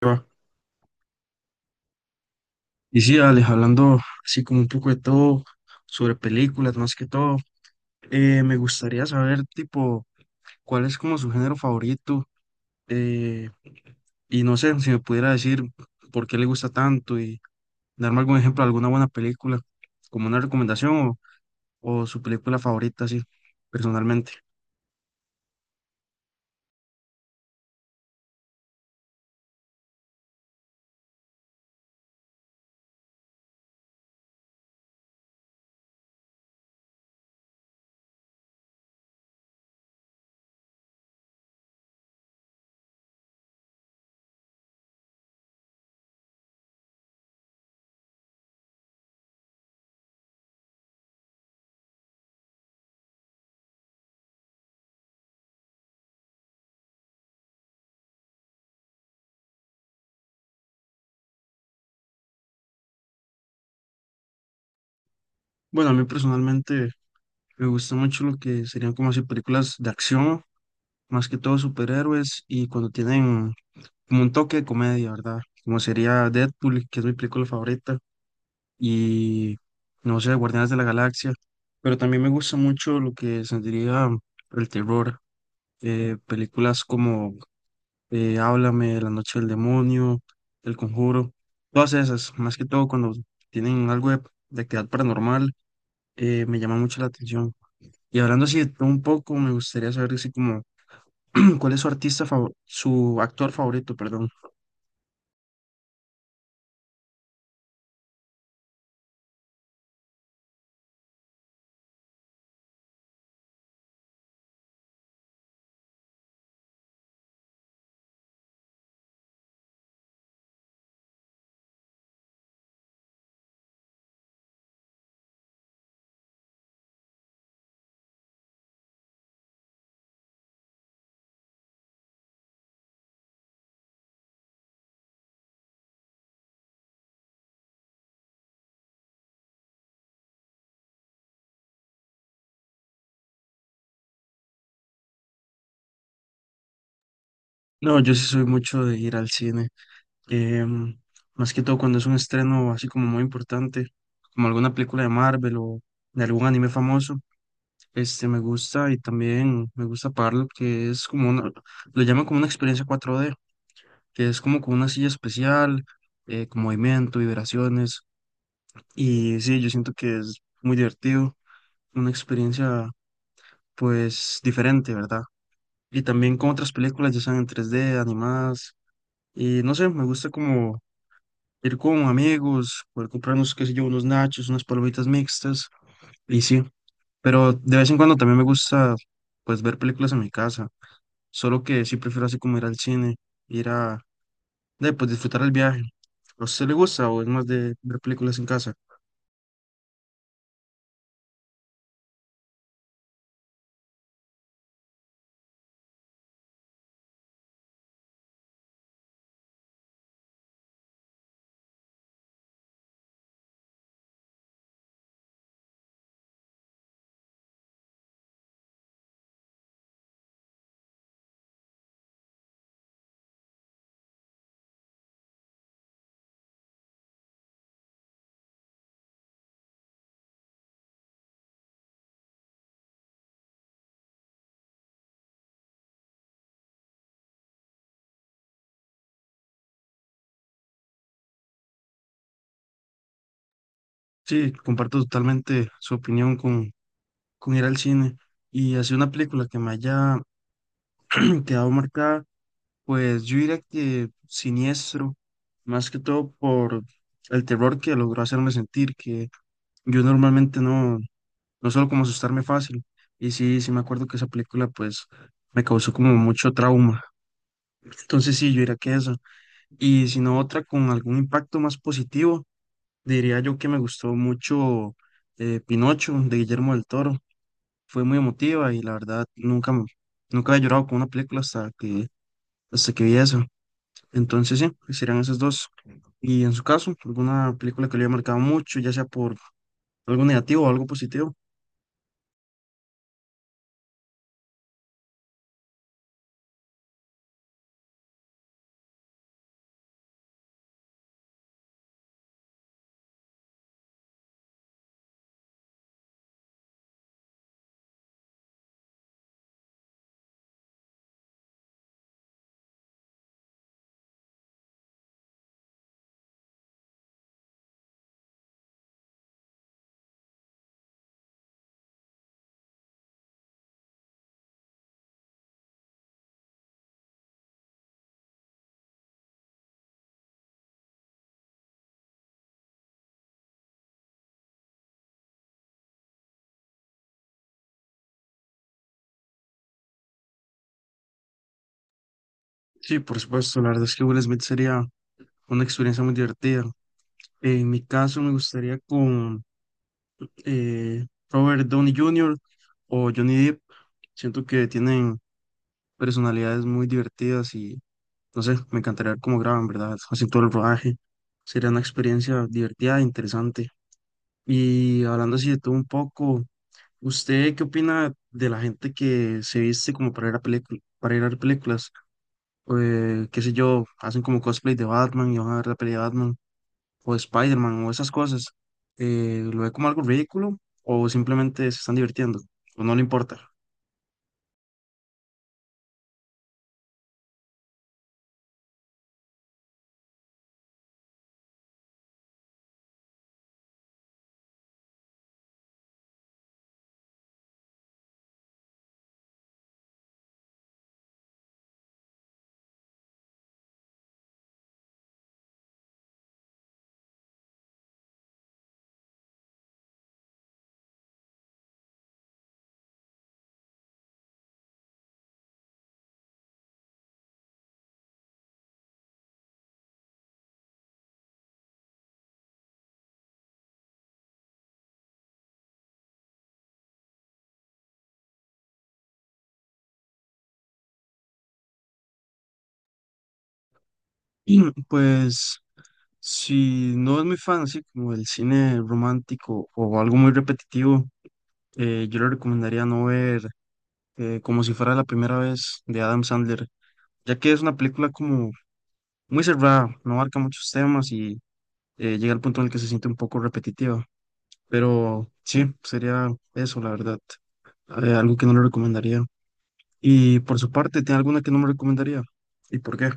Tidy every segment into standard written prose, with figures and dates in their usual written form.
Va. Y sí, Alex, hablando así como un poco de todo, sobre películas más que todo, me gustaría saber, tipo, cuál es como su género favorito, eh, y no sé, si me pudiera decir por qué le gusta tanto y darme algún ejemplo de alguna buena película, como una recomendación o su película favorita, así, personalmente. Bueno, a mí personalmente me gusta mucho lo que serían como así películas de acción, más que todo superhéroes y cuando tienen como un toque de comedia, ¿verdad? Como sería Deadpool, que es mi película favorita, y no sé, Guardianes de la Galaxia, pero también me gusta mucho lo que sentiría el terror, películas como Háblame, La Noche del Demonio, El Conjuro, todas esas, más que todo cuando tienen algo de actividad paranormal. Eh, me llama mucho la atención. Y hablando así de todo un poco, me gustaría saber así como, ¿cuál es su artista favor- su actor favorito, perdón? No, yo sí soy mucho de ir al cine. em, Más que todo cuando es un estreno así como muy importante, como alguna película de Marvel o de algún anime famoso. Este me gusta, y también me gusta pagar lo que es como una, lo llaman como una experiencia 4D, que es como con una silla especial, con movimiento, vibraciones. Y sí, yo siento que es muy divertido, una experiencia pues diferente, ¿verdad? Y también con otras películas, ya sean en 3D animadas. Y no sé, me gusta como ir con amigos, poder comprarnos, qué sé yo, unos nachos, unas palomitas mixtas, y sí, pero de vez en cuando también me gusta, pues, ver películas en mi casa, solo que sí prefiero así como ir al cine, ir a, pues, disfrutar el viaje. ¿A usted le gusta o es más de ver películas en casa? Sí, comparto totalmente su opinión con ir al cine, y así una película que me haya quedado marcada, pues yo diría que siniestro, más que todo por el terror que logró hacerme sentir, que yo normalmente no suelo como asustarme fácil. Y sí, sí me acuerdo que esa película pues me causó como mucho trauma. Entonces sí, yo diría que esa. Y si no, otra con algún impacto más positivo, diría yo que me gustó mucho, Pinocho de Guillermo del Toro. Fue muy emotiva y la verdad nunca, nunca había llorado con una película hasta que vi eso. Entonces, sí, serían esas dos. Y en su caso, alguna película que le haya marcado mucho, ya sea por algo negativo o algo positivo. Sí, por supuesto, la verdad es que Will Smith sería una experiencia muy divertida. En mi caso, me gustaría con Robert Downey Jr. o Johnny Depp. Siento que tienen personalidades muy divertidas y no sé, me encantaría ver cómo graban, ¿verdad? Hacen todo el rodaje. Sería una experiencia divertida e interesante. Y hablando así de todo un poco. ¿Usted qué opina de la gente que se viste como para ir a para ir a ver películas? Qué sé yo, hacen como cosplay de Batman y van a ver la peli de Batman o de Spider-Man o esas cosas. ¿Lo ve como algo ridículo o simplemente se están divirtiendo o no le importa? Pues si no es muy fan así como del cine romántico o algo muy repetitivo, yo le recomendaría no ver, como si fuera la primera vez de Adam Sandler, ya que es una película como muy cerrada, no abarca muchos temas y llega al punto en el que se siente un poco repetitiva. Pero sí, sería eso, la verdad. Algo que no le recomendaría. Y por su parte, ¿tiene alguna que no me recomendaría? ¿Y por qué?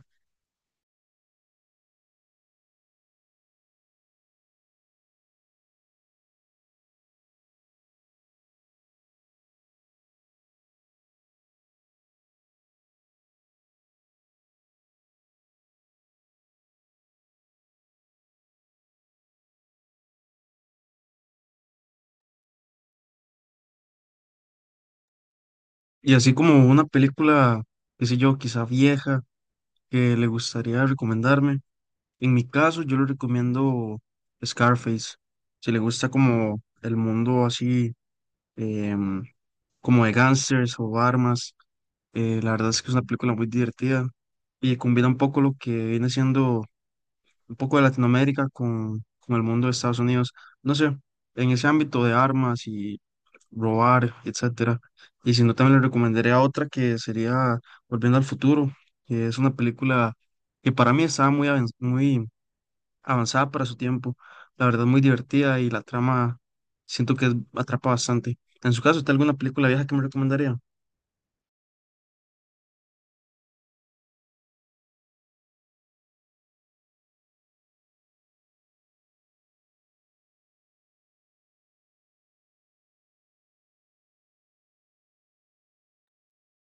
Y así como una película, qué sé yo, quizá vieja, que le gustaría recomendarme. En mi caso, yo le recomiendo Scarface. Si le gusta como el mundo así, em, como de gángsters o armas. La verdad es que es una película muy divertida y combina un poco lo que viene siendo un poco de Latinoamérica con el mundo de Estados Unidos. No sé, en ese ámbito de armas y robar, etcétera. Y si no, también le recomendaría otra que sería Volviendo al Futuro, que es una película que para mí estaba muy, muy avanzada para su tiempo. La verdad, muy divertida y la trama siento que atrapa bastante. En su caso, ¿está alguna película vieja que me recomendaría?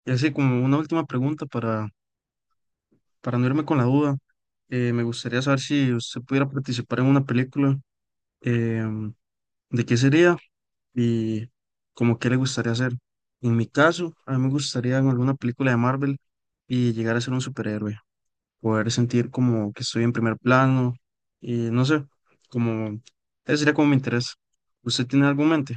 Y así como una última pregunta para no irme con la duda, me gustaría saber si usted pudiera participar en una película, em, ¿de qué sería y como qué le gustaría hacer? En mi caso, a mí me gustaría en alguna película de Marvel y llegar a ser un superhéroe, poder sentir como que estoy en primer plano y no sé, como ese sería como mi interés. ¿Usted tiene algo en mente?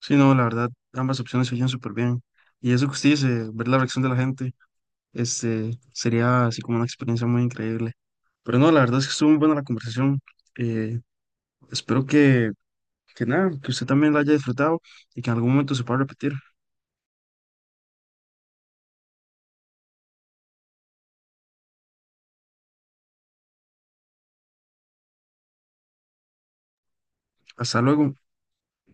Sí, no, la verdad, ambas opciones se oyen súper bien. Y eso que usted dice, ver la reacción de la gente. Este, sería así como una experiencia muy increíble. Pero no, la verdad es que estuvo muy buena la conversación. Eh, espero que nada, que usted también la haya disfrutado y que en algún momento se pueda repetir. Hasta luego.